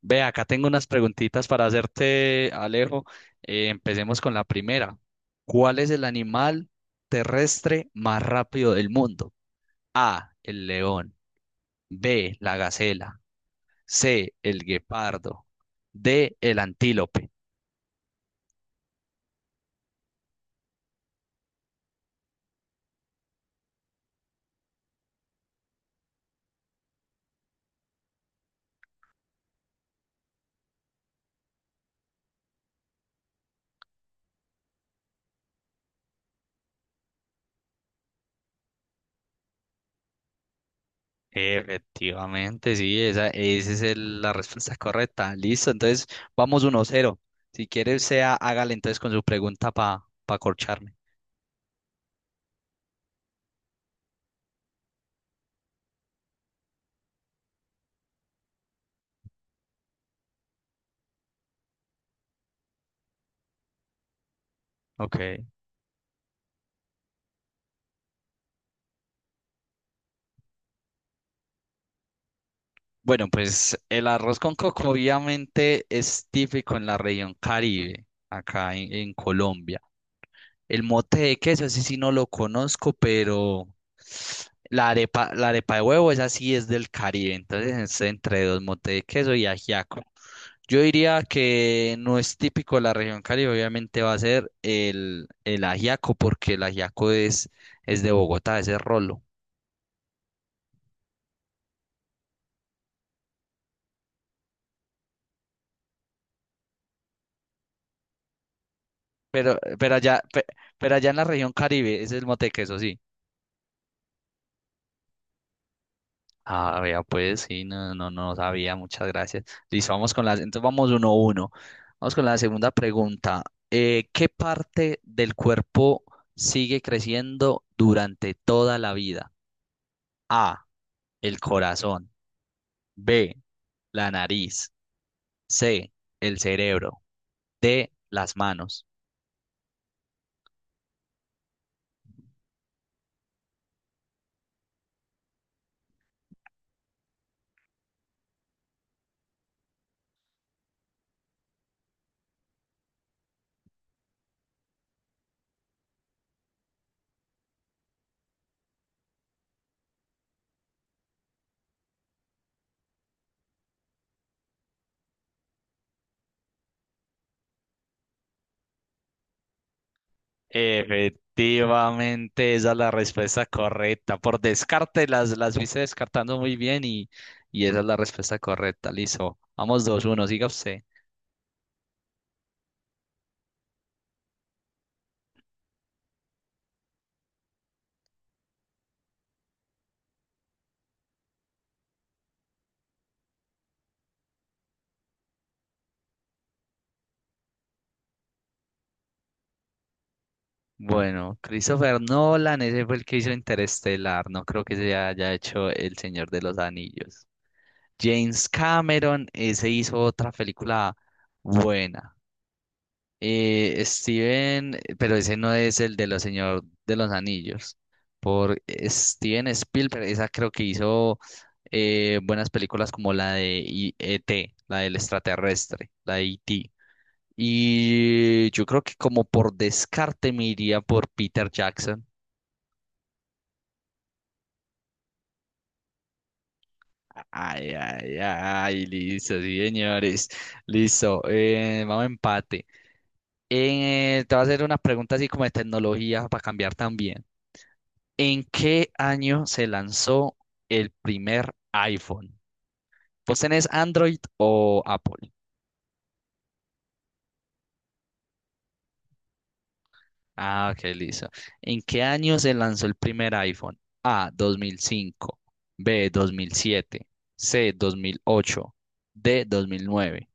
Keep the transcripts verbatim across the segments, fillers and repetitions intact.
Ve, acá tengo unas preguntitas para hacerte, Alejo. Eh, empecemos con la primera. ¿Cuál es el animal terrestre más rápido del mundo? A, el león. B, la gacela. C, el guepardo. D, el antílope. Efectivamente, sí, esa, esa es el- la respuesta correcta. Listo, entonces vamos uno cero. Si quieres, sea, hágale entonces con su pregunta para pa pa corcharme. Ok. Bueno, pues el arroz con coco obviamente es típico en la región Caribe, acá en, en Colombia. El mote de queso, ese sí no lo conozco, pero la arepa, la arepa de huevo, esa sí es del Caribe, entonces es entre dos motes de queso y ajiaco. Yo diría que no es típico de la región Caribe, obviamente va a ser el, el ajiaco, porque el ajiaco es, es de Bogotá, ese es rolo. Pero, pero allá, pe- pero allá en la región Caribe, ese es el mote de queso, sí. Ah, vea, pues sí, no, no, no sabía, muchas gracias. Listo, vamos con la, entonces vamos uno a uno. Vamos con la segunda pregunta. Eh, ¿qué parte del cuerpo sigue creciendo durante toda la vida? A, el corazón. B, la nariz. C, el cerebro. D, las manos. Efectivamente, esa es la respuesta correcta. Por descarte, las, las fuiste descartando muy bien y, y esa es la respuesta correcta. Listo. Vamos dos uno, siga usted. Bueno, Christopher Nolan, ese fue el que hizo Interestelar. No creo que se haya hecho El Señor de los Anillos. James Cameron, ese hizo otra película buena. Eh, Steven, eh, pero ese no es el de los Señor de los Anillos. Por Steven Spielberg, esa creo que hizo eh, buenas películas como la de I- E T, la del extraterrestre, la de E T. Y yo creo que como por descarte me iría por Peter Jackson. Ay, ay, ay, listo, sí, señores. Listo, eh, vamos a empate. Eh, te voy a hacer una pregunta así como de tecnología para cambiar también. ¿En qué año se lanzó el primer iPhone? ¿Vos tenés Android o Apple? Ah, ok, listo. ¿En qué año se lanzó el primer iPhone? A, dos mil cinco, B, dos mil siete, C, dos mil ocho, D, dos mil nueve.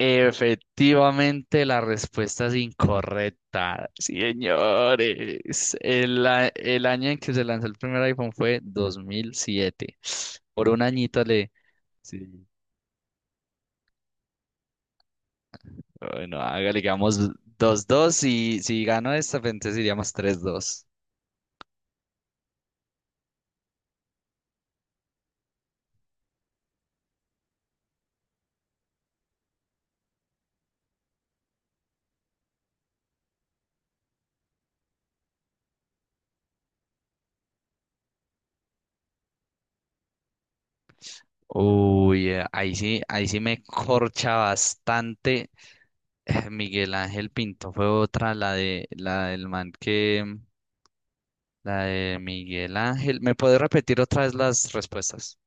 Efectivamente, la respuesta es incorrecta, señores. El, a- el año en que se lanzó el primer iPhone fue dos mil siete. Por un añito le... Sí. Bueno, hágale, digamos dos 2, y si gano esta, pues, entonces iríamos tres dos. Uy, eh, ahí sí, ahí sí me corcha bastante. Eh, Miguel Ángel Pinto fue otra, la de la del man que la de Miguel Ángel. ¿Me puede repetir otra vez las respuestas?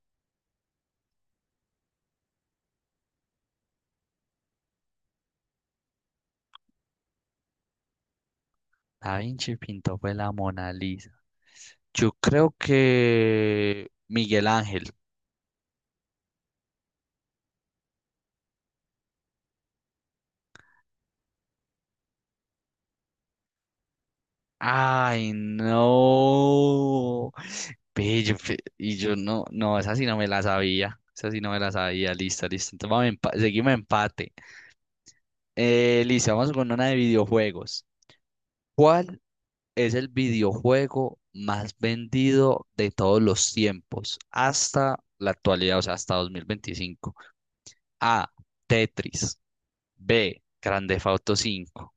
Da Vinci Pinto fue la Mona Lisa. Yo creo que Miguel Ángel. Ay, no. Ve, yo fe- y yo no, no, esa sí no me la sabía. Esa sí no me la sabía. Listo, listo. Entonces vamos a empa- seguimos empate. Eh, listo, vamos con una de videojuegos. ¿Cuál es el videojuego más vendido de todos los tiempos hasta la actualidad, o sea, hasta dos mil veinticinco? A. Tetris. B. Grand Theft Auto cinco.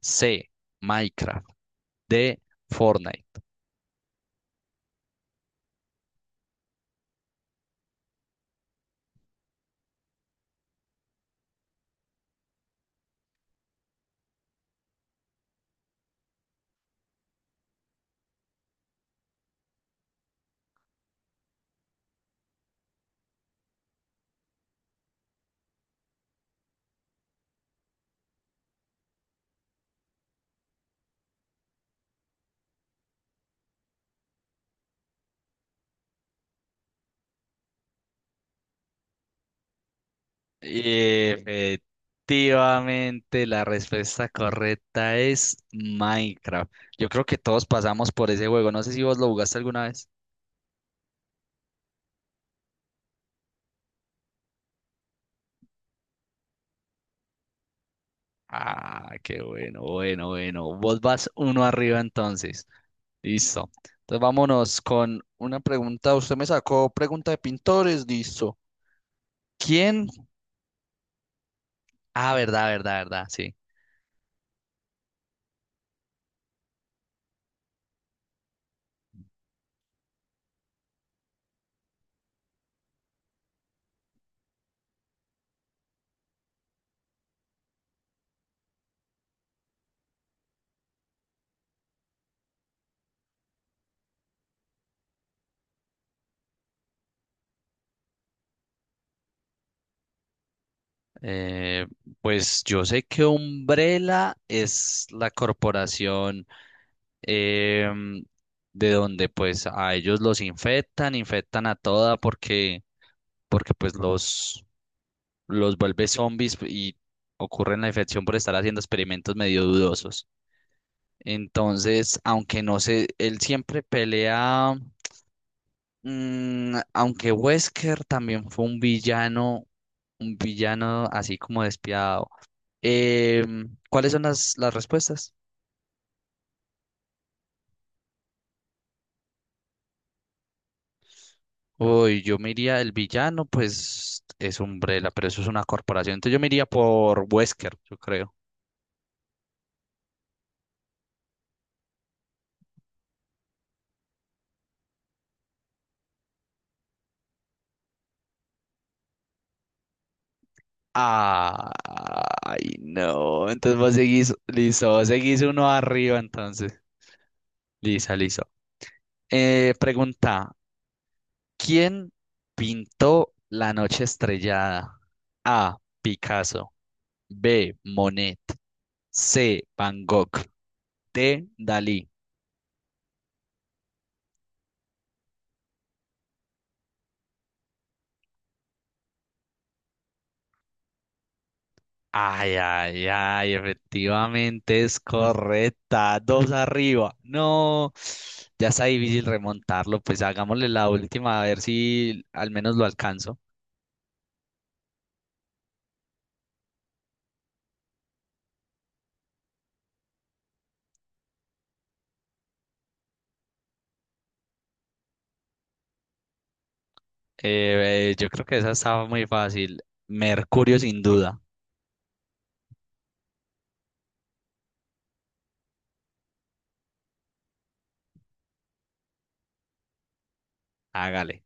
C. Minecraft. D. Fortnite. Y efectivamente, la respuesta correcta es Minecraft. Yo creo que todos pasamos por ese juego. No sé si vos lo jugaste alguna vez. Ah, qué bueno, bueno, bueno. Vos vas uno arriba entonces. Listo. Entonces vámonos con una pregunta. Usted me sacó pregunta de pintores, listo. ¿Quién? Ah, verdad, verdad, verdad, sí. Eh, pues yo sé que Umbrella es la corporación. em, de donde pues a ellos los infectan, infectan a toda porque, porque pues los, los vuelve zombies y ocurre la infección por estar haciendo experimentos medio dudosos. Entonces, aunque no sé, él siempre pelea, mm, aunque Wesker también fue un villano, un villano así como despiadado. Em, ¿cuáles son las, las respuestas? Uy, yo me iría, el villano, pues es Umbrella, pero eso es una corporación. Entonces yo me iría por Wesker, yo creo. Ay, no. Entonces vos seguís, listo, vos seguís uno arriba, entonces. Lisa, listo. Eh, pregunta: ¿Quién pintó La Noche Estrellada? A. Picasso. B. Monet. C. Van Gogh. D. Dalí. Ay, ay, ay, efectivamente es correcta. Dos arriba. No, ya está difícil remontarlo. Pues hagámosle la última a ver si al menos lo alcanzo. Eh, yo creo que esa estaba muy fácil. Mercurio, sin duda. Hágale.